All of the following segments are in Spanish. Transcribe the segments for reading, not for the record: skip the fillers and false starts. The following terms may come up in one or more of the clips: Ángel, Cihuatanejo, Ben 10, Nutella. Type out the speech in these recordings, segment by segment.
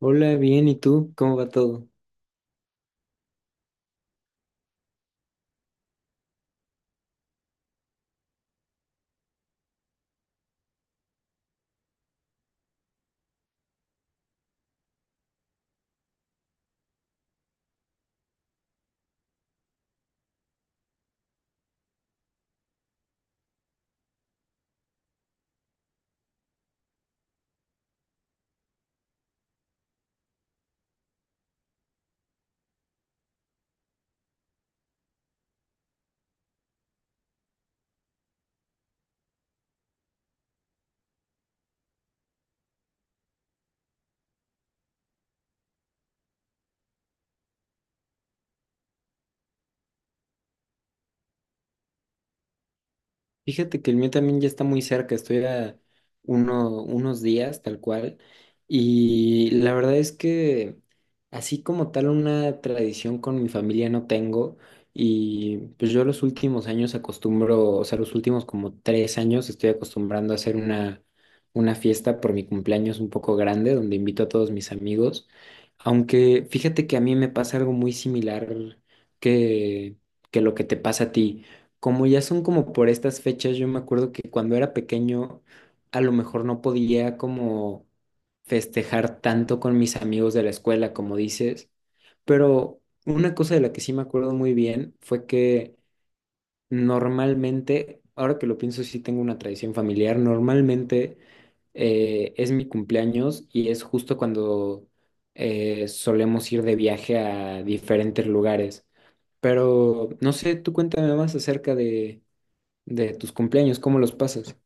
Hola, bien, ¿y tú? ¿Cómo va todo? Fíjate que el mío también ya está muy cerca, estoy a unos días tal cual. Y la verdad es que así como tal una tradición con mi familia no tengo. Y pues yo los últimos años acostumbro, o sea, los últimos como tres años estoy acostumbrando a hacer una fiesta por mi cumpleaños un poco grande donde invito a todos mis amigos. Aunque fíjate que a mí me pasa algo muy similar que, que lo que te pasa a ti, como ya son como por estas fechas. Yo me acuerdo que cuando era pequeño a lo mejor no podía como festejar tanto con mis amigos de la escuela, como dices, pero una cosa de la que sí me acuerdo muy bien fue que normalmente, ahora que lo pienso, sí tengo una tradición familiar. Normalmente es mi cumpleaños y es justo cuando solemos ir de viaje a diferentes lugares. Pero no sé, tú cuéntame más acerca de tus cumpleaños, ¿cómo los pasas?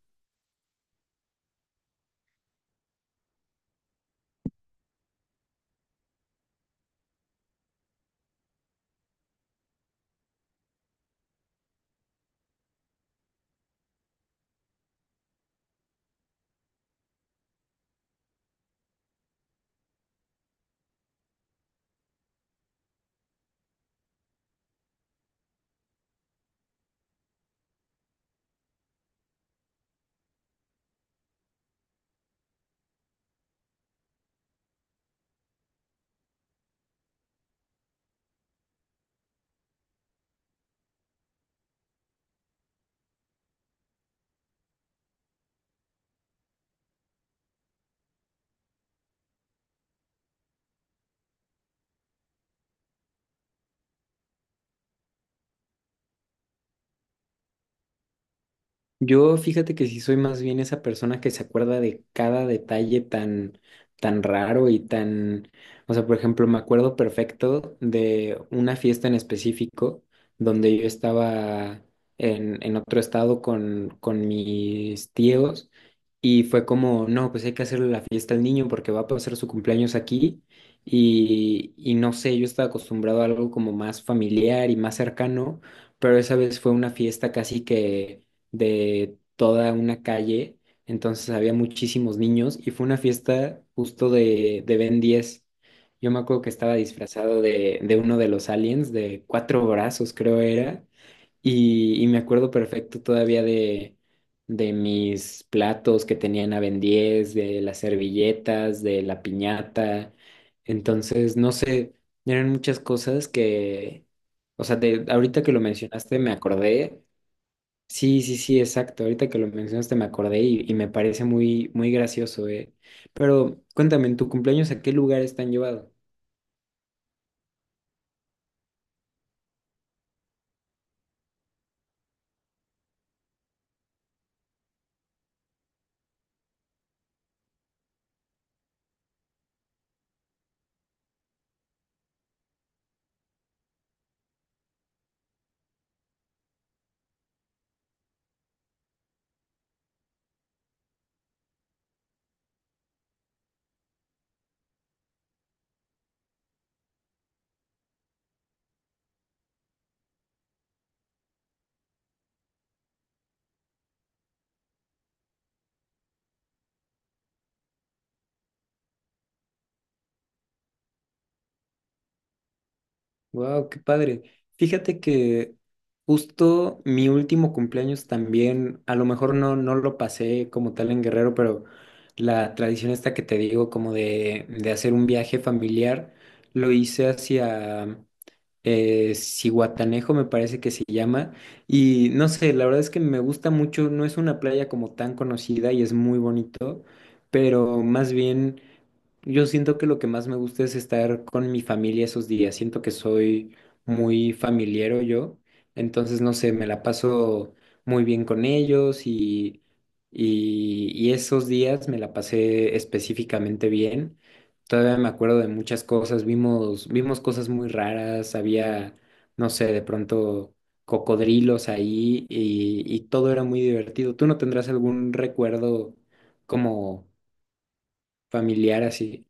Yo fíjate que sí soy más bien esa persona que se acuerda de cada detalle tan, tan raro y tan, o sea, por ejemplo, me acuerdo perfecto de una fiesta en específico donde yo estaba en otro estado con mis tíos, y fue como, no, pues hay que hacerle la fiesta al niño porque va a pasar su cumpleaños aquí. Y, y no sé, yo estaba acostumbrado a algo como más familiar y más cercano, pero esa vez fue una fiesta casi que de toda una calle. Entonces había muchísimos niños y fue una fiesta justo de Ben 10. Yo me acuerdo que estaba disfrazado de uno de los aliens, de cuatro brazos creo era, y me acuerdo perfecto todavía de mis platos que tenían a Ben 10, de las servilletas, de la piñata. Entonces no sé, eran muchas cosas que... O sea, de, ahorita que lo mencionaste me acordé. Sí, sí, sí, exacto. Ahorita que lo mencionaste me acordé y me parece muy, muy gracioso, eh. Pero cuéntame, ¿en tu cumpleaños a qué lugares te han llevado? Wow, qué padre. Fíjate que justo mi último cumpleaños también, a lo mejor no, no lo pasé como tal en Guerrero, pero la tradición esta que te digo, como de hacer un viaje familiar, lo hice hacia Cihuatanejo me parece que se llama. Y no sé, la verdad es que me gusta mucho, no es una playa como tan conocida y es muy bonito, pero más bien yo siento que lo que más me gusta es estar con mi familia esos días. Siento que soy muy familiero yo. Entonces, no sé, me la paso muy bien con ellos y, y esos días me la pasé específicamente bien. Todavía me acuerdo de muchas cosas. Vimos, vimos cosas muy raras. Había, no sé, de pronto cocodrilos ahí y todo era muy divertido. ¿Tú no tendrás algún recuerdo como familiar así?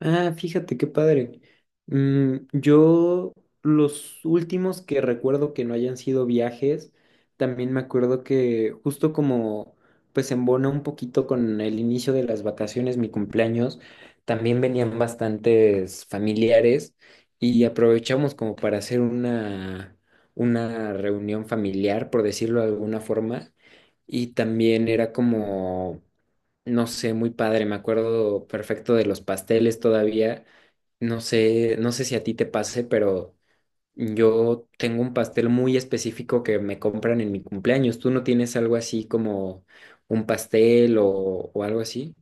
Ah, fíjate qué padre. Mm, yo los últimos que recuerdo que no hayan sido viajes, también me acuerdo que justo como pues embona un poquito con el inicio de las vacaciones, mi cumpleaños, también venían bastantes familiares y aprovechamos como para hacer una reunión familiar, por decirlo de alguna forma, y también era como no sé, muy padre, me acuerdo perfecto de los pasteles todavía. No sé, no sé si a ti te pase, pero yo tengo un pastel muy específico que me compran en mi cumpleaños. ¿Tú no tienes algo así como un pastel o algo así?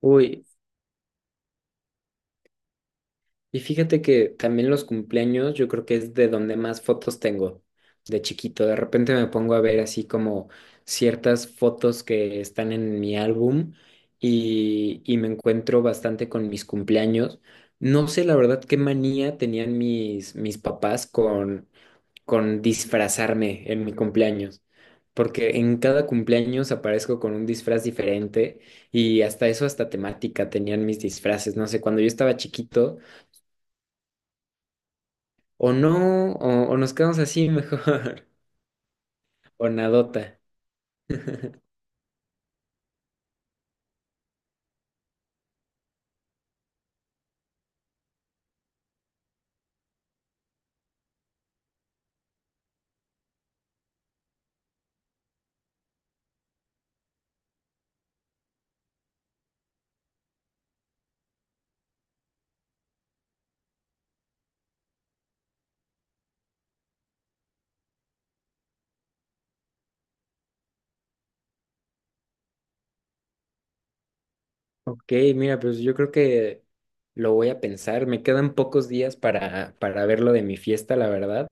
Uy, y fíjate que también los cumpleaños yo creo que es de donde más fotos tengo de chiquito. De repente me pongo a ver así como ciertas fotos que están en mi álbum y me encuentro bastante con mis cumpleaños. No sé la verdad qué manía tenían mis, mis papás con disfrazarme en mi cumpleaños. Porque en cada cumpleaños aparezco con un disfraz diferente y hasta eso, hasta temática tenían mis disfraces. No sé, cuando yo estaba chiquito o no, o nos quedamos así mejor. O nadota. Ok, mira, pues yo creo que lo voy a pensar. Me quedan pocos días para ver lo de mi fiesta, la verdad,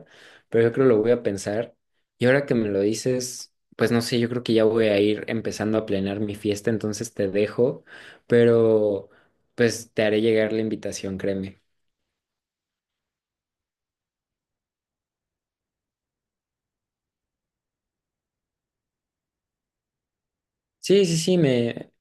pero yo creo que lo voy a pensar. Y ahora que me lo dices, pues no sé, yo creo que ya voy a ir empezando a planear mi fiesta, entonces te dejo, pero pues te haré llegar la invitación, créeme. Sí, sí, sí, me,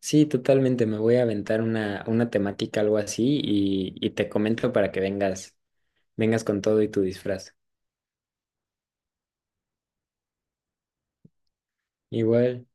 sí, totalmente. Me voy a aventar una temática, algo así, y te comento para que vengas, vengas con todo y tu disfraz. Igual.